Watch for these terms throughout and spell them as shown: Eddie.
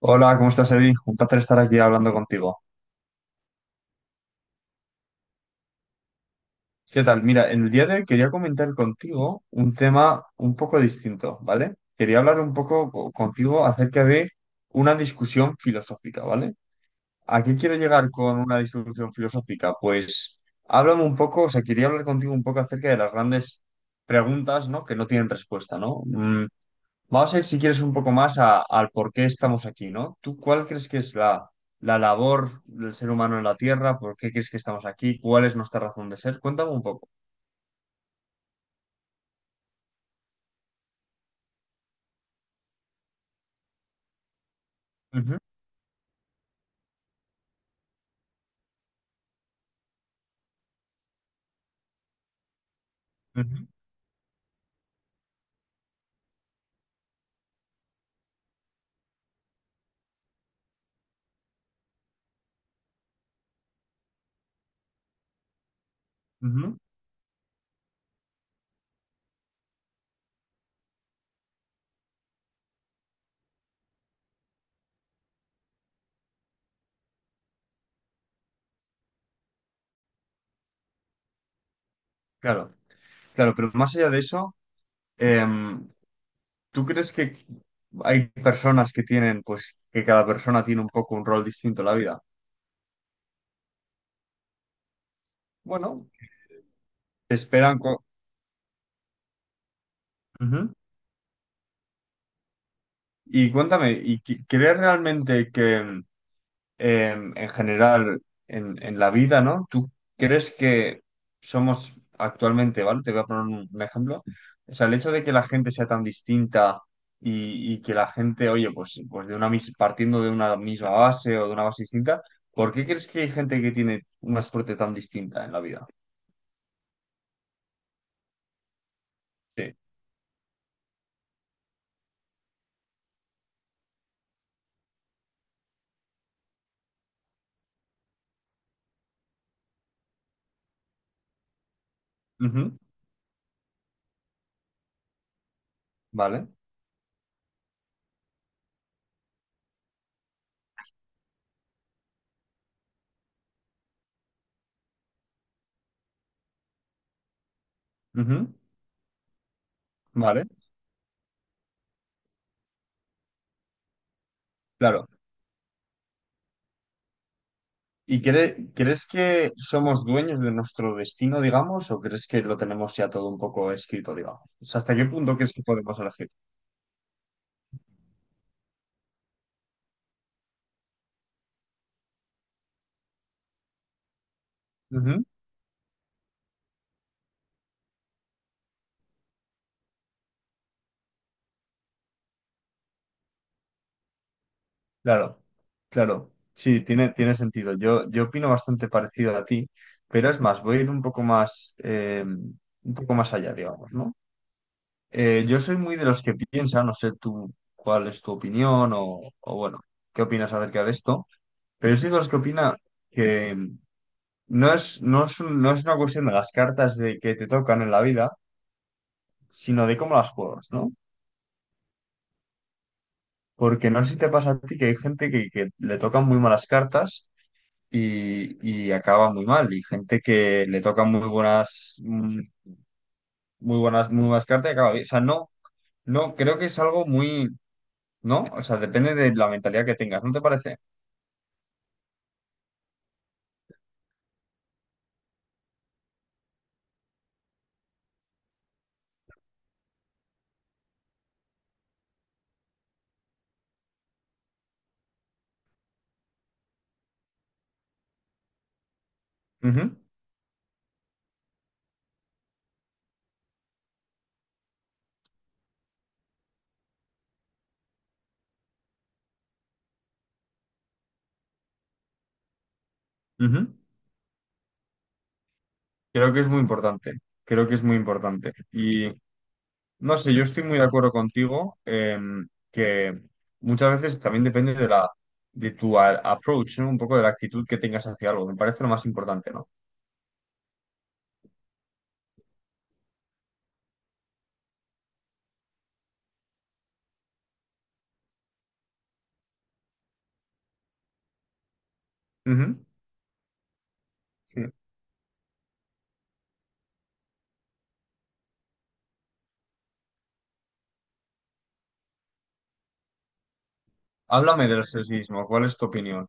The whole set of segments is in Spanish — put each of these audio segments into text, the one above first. Hola, ¿cómo estás, Eddie? Un placer estar aquí hablando contigo. ¿Qué tal? Mira, en el día de hoy quería comentar contigo un tema un poco distinto, ¿vale? Quería hablar un poco contigo acerca de una discusión filosófica, ¿vale? ¿A qué quiero llegar con una discusión filosófica? Pues háblame un poco, o sea, quería hablar contigo un poco acerca de las grandes preguntas, ¿no? Que no tienen respuesta, ¿no? Vamos a ir, si quieres, un poco más al por qué estamos aquí, ¿no? ¿Tú cuál crees que es la labor del ser humano en la Tierra? ¿Por qué crees que estamos aquí? ¿Cuál es nuestra razón de ser? Cuéntame un poco. Ujú, ujú, ujú. Claro, claro, pero más allá de eso, em, ¿tú crees que hay personas que tienen, pues, que cada persona tiene un poco un rol distinto en la vida? Bueno, te esperan, ujú. Y cuéntame, ¿y crees realmente que en general en la vida, ¿no? ¿Tú crees que somos actualmente, vale? Te voy a poner un ejemplo. O sea, el hecho de que la gente sea tan distinta y que la gente, oye, pues de una partiendo de una misma base o de una base distinta, ¿por qué crees que hay gente que tiene una suerte tan distinta en la vida? Sí. Ujú, vale. Ujú, vale. Claro. ¿Y crees que somos dueños de nuestro destino, digamos, o crees que lo tenemos ya todo un poco escrito, digamos? O sea, ¿hasta qué punto crees que podemos elegir? Ujú, claro, claro. Sí, tiene sentido. Yo opino bastante parecido a ti, pero es más, voy a ir un poco más allá, digamos, ¿no? Yo soy muy de los que piensan, no sé tú cuál es tu opinión o bueno, qué opinas acerca de esto, pero yo soy de los que opina. No es una cuestión de las cartas de que te tocan en la vida, sino de cómo las juegas, ¿no? Porque no sé si te pasa a ti que hay gente que le tocan muy malas cartas y, y acaba muy mal, y gente que le tocan muy buenas, muy buenas, muy buenas cartas y acaba bien. O sea, no, no, creo que es algo muy, ¿no? O sea, depende de la mentalidad que tengas, ¿no te parece? Ujú, ujú. Creo que es muy importante. Creo que es muy importante. No sé, yo estoy muy de acuerdo contigo, que muchas veces también depende de la de tu a- approach, ¿no? Un poco de la actitud que tengas hacia algo. Me parece lo más importante, ¿no? Ujú, sí. Háblame del sexismo. ¿Cuál es tu opinión?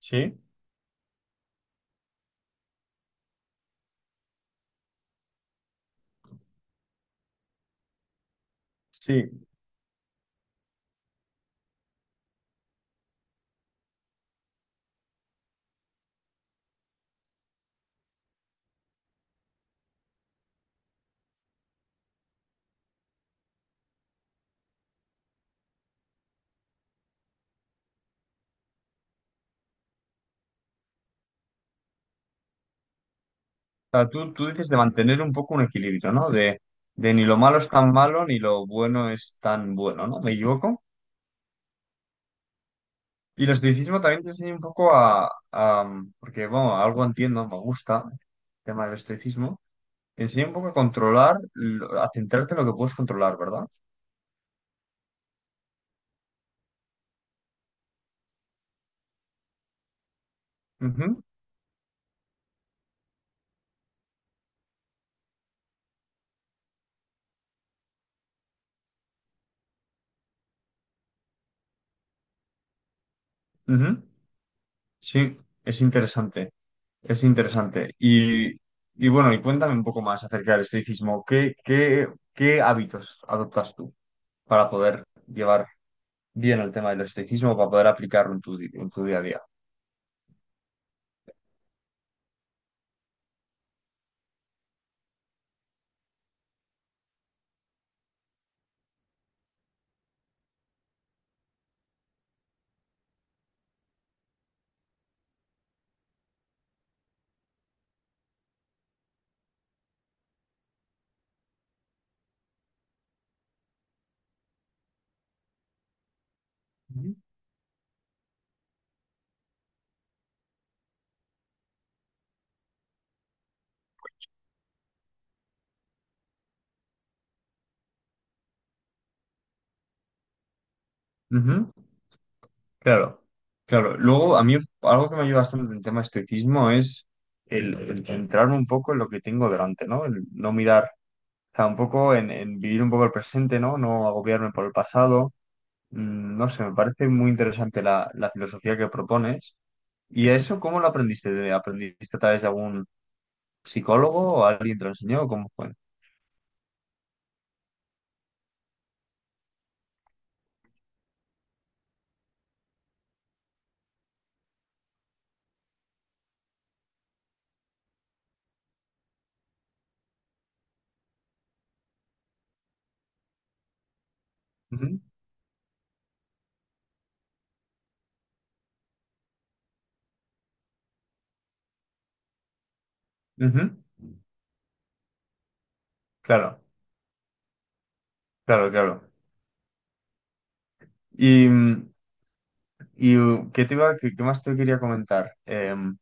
Sí. Sí. O sea, tú dices de mantener un poco un equilibrio, ¿no? De ni lo malo es tan malo ni lo bueno es tan bueno, ¿no? ¿Me equivoco? Y el estoicismo también te enseña un poco porque, bueno, algo entiendo, me gusta el tema del estoicismo. Te enseña un poco a controlar, a centrarte en lo que puedes controlar, ¿verdad? Ujú, ujú. Sí, es interesante, es interesante. Y bueno, y cuéntame un poco más acerca del estoicismo. ¿Qué hábitos adoptas tú para poder llevar bien el tema del estoicismo, para poder aplicarlo en tu día a día? Ujú. Ujú, claro, claro. Luego, a mí algo que me ayuda bastante en el tema de estoicismo es el centrarme un poco en lo que tengo delante, ¿no? El no mirar. O sea, un poco en vivir un poco el presente, ¿no? No agobiarme por el pasado. No sé, me parece muy interesante la filosofía que propones. ¿Y eso cómo lo aprendiste? ¿Aprendiste a través de algún psicólogo o alguien te lo enseñó? ¿Cómo fue? Ujú, ujú. Claro, claro, claro. ¿Y, mm, y qué te iba, qué más te quería comentar?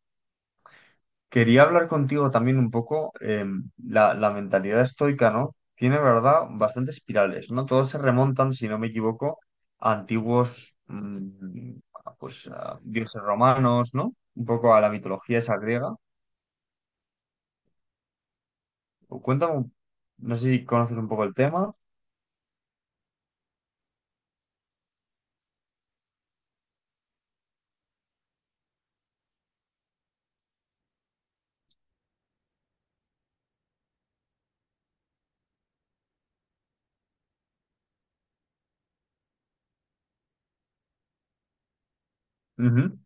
Quería hablar contigo también un poco, la mentalidad estoica, ¿no? Tiene, ¿verdad?, bastantes espirales, ¿no? Todos se remontan, si no me equivoco, a antiguos, pues, a dioses romanos, ¿no? Un poco a la mitología esa griega. Cuéntame, no sé si conoces un poco el tema. Ujú,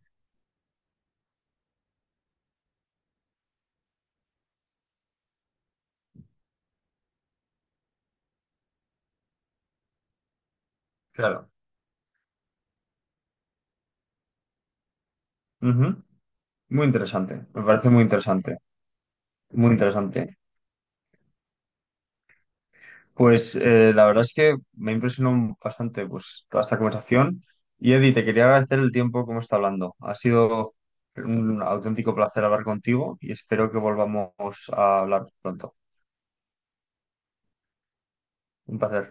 claro. Ujú. Muy interesante, me parece muy interesante, muy interesante. Pues la verdad es que me impresionó bastante pues, toda esta conversación. Y Eddie, te quería agradecer el tiempo que hemos estado hablando. Ha sido un auténtico placer hablar contigo y espero que volvamos a hablar pronto. Un placer.